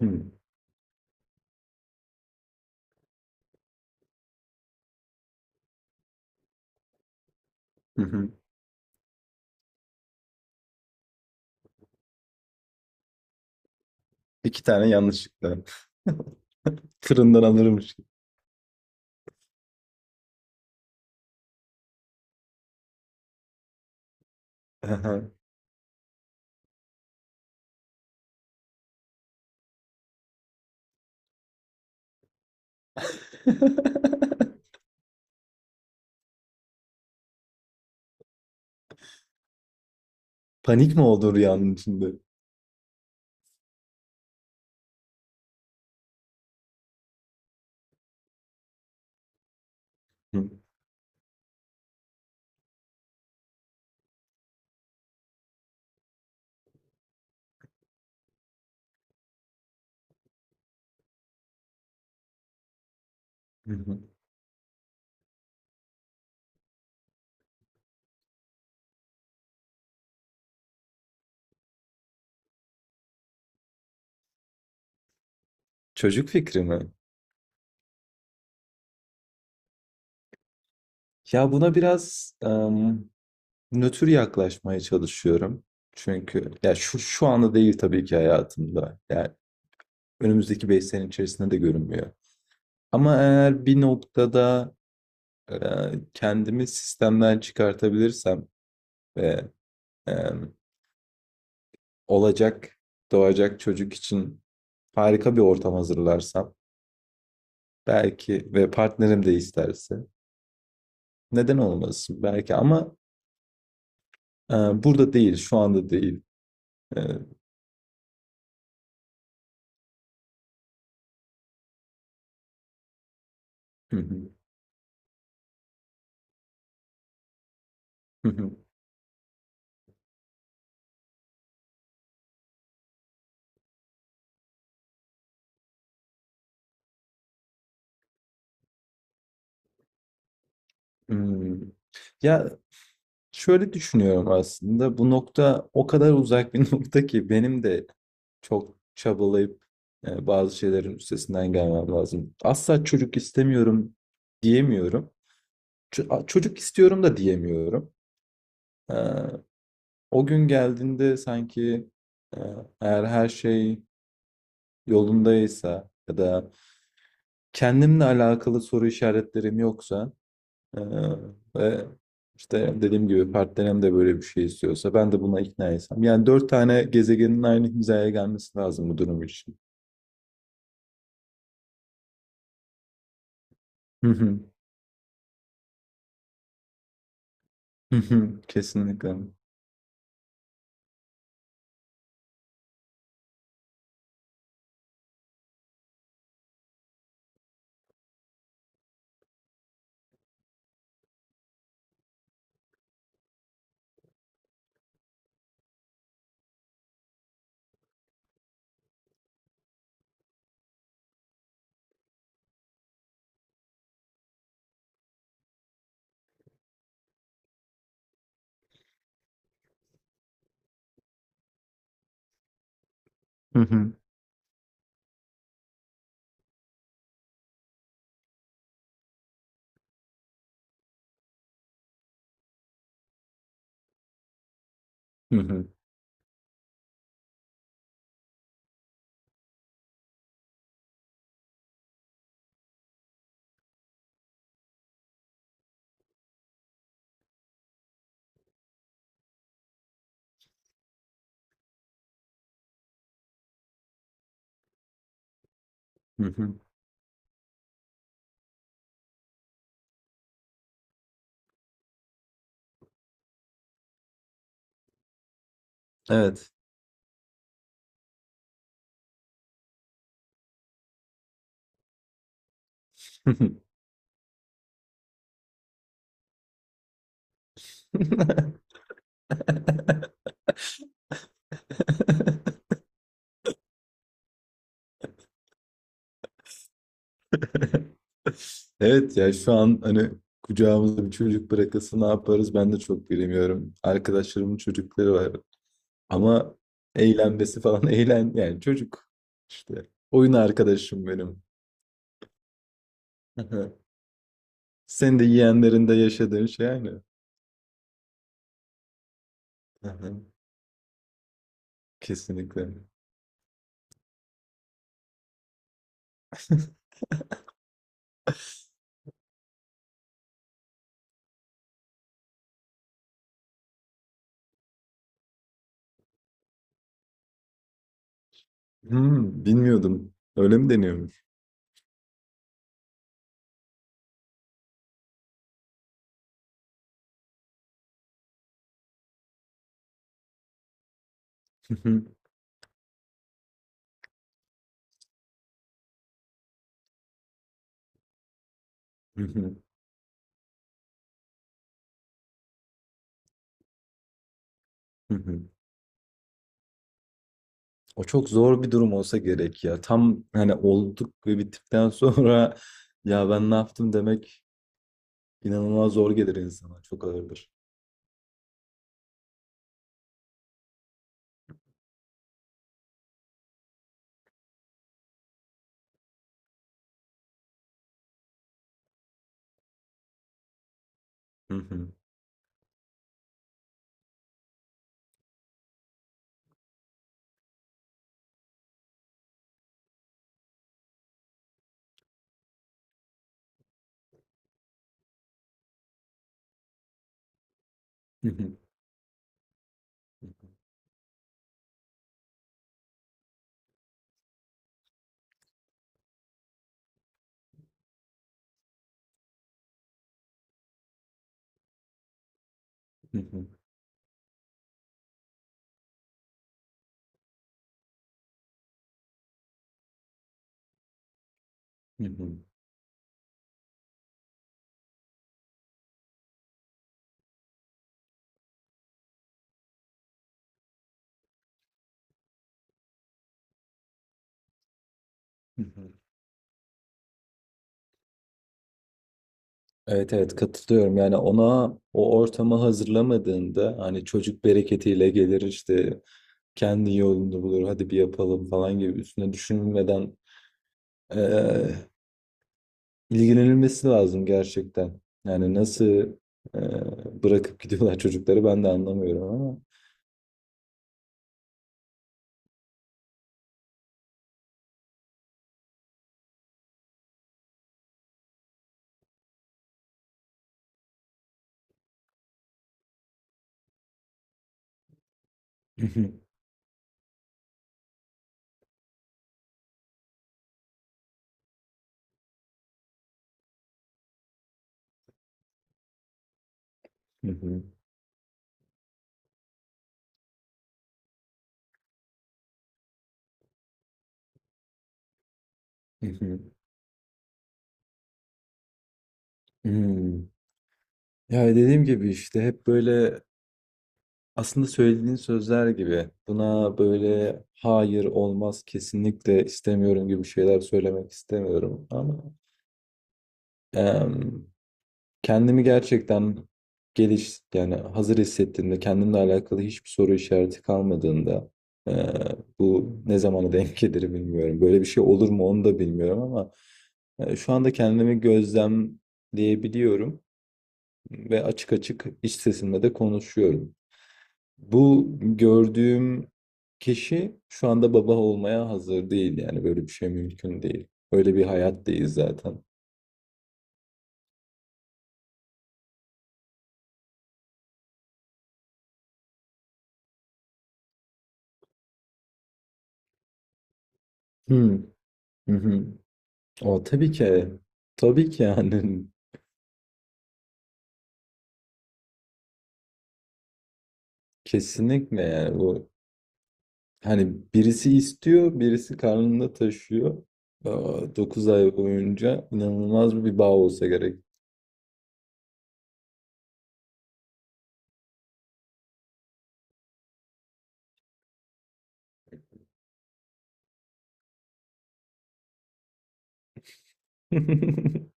Hımm. Hı hı. 2 tane yanlışlıkla. Fırından alırmış gibi. Panik mi oldu rüyanın içinde? Hı. Hı hı. Çocuk fikri mi? Ya buna biraz, nötr yaklaşmaya çalışıyorum. Çünkü ya şu anda değil tabii ki hayatımda. Yani önümüzdeki 5 sene içerisinde de görünmüyor. Ama eğer bir noktada, kendimi sistemden çıkartabilirsem ve, olacak, doğacak çocuk için harika bir ortam hazırlarsam belki ve partnerim de isterse neden olmasın belki ama burada değil, şu anda değil. E, hmm. Ya şöyle düşünüyorum aslında bu nokta o kadar uzak bir nokta ki benim de çok çabalayıp bazı şeylerin üstesinden gelmem lazım. Asla çocuk istemiyorum diyemiyorum. Çocuk istiyorum da diyemiyorum. Ee, O gün geldiğinde sanki e, eğer her şey yolundaysa ya da kendimle alakalı soru işaretlerim yoksa e, ve işte dediğim gibi partnerim de böyle bir şey istiyorsa ben de buna ikna etsem. Yani 4 tane gezegenin aynı hizaya gelmesi lazım bu durum için. Hı hı. Hı hı. Kesinlikle. Hı hı. Hı hı. Hı hı. Evet. Evet, ya şu an hani kucağımızda bir çocuk bırakılsa ne yaparız ben de çok bilemiyorum. Arkadaşlarımın çocukları var ama eğlenmesi falan eğlen, yani çocuk işte oyun arkadaşım benim. Sen de yeğenlerinde yaşadığın şey aynı. Aha, kesinlikle. Bilmiyordum. Öyle mi deniyormuş? O çok zor bir durum olsa gerek ya. Tam hani olduk ve bittikten sonra ya ben ne yaptım demek. İnanılmaz zor gelir insana. Çok ağırdır. Hı hı. Hı hı. Hı hı. Hı hı. Hı hı. Evet, evet, katılıyorum. Yani ona o ortamı hazırlamadığında hani çocuk bereketiyle gelir işte, kendi yolunu bulur, hadi bir yapalım falan gibi, üstüne düşünmeden eee, ilgilenilmesi lazım gerçekten. Yani nasıl eee, bırakıp gidiyorlar çocukları ben de anlamıyorum ama. Hı hı. Hı hı. Hı hı. Hı. Ya dediğim gibi işte hep böyle. Aslında söylediğin sözler gibi buna böyle hayır olmaz, kesinlikle istemiyorum gibi şeyler söylemek istemiyorum ama em, kendimi gerçekten yani hazır hissettiğimde, kendimle alakalı hiçbir soru işareti kalmadığında e, bu ne zamana denk gelir bilmiyorum. Böyle bir şey olur mu onu da bilmiyorum ama şu anda kendimi gözlemleyebiliyorum ve açık açık iç sesimle de konuşuyorum. Bu gördüğüm kişi şu anda baba olmaya hazır değil. Yani böyle bir şey mümkün değil. Öyle bir hayat değil zaten. Hmm. Hı hı. O tabii ki. Tabii ki yani kesinlikle, yani bu hani birisi istiyor, birisi karnında taşıyor. 9 ay boyunca inanılmaz bir bağ olsa gerek. Hı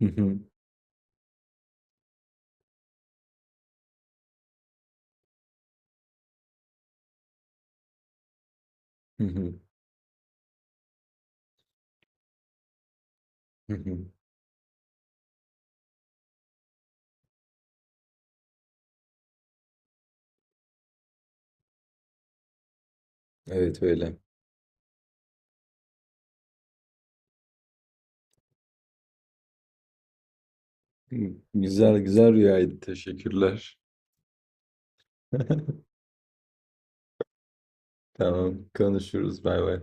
hı, hı hı, hı hı. Evet, öyle. Hı. Güzel güzel rüyaydı. Teşekkürler. Tamam, konuşuruz. Bay bay.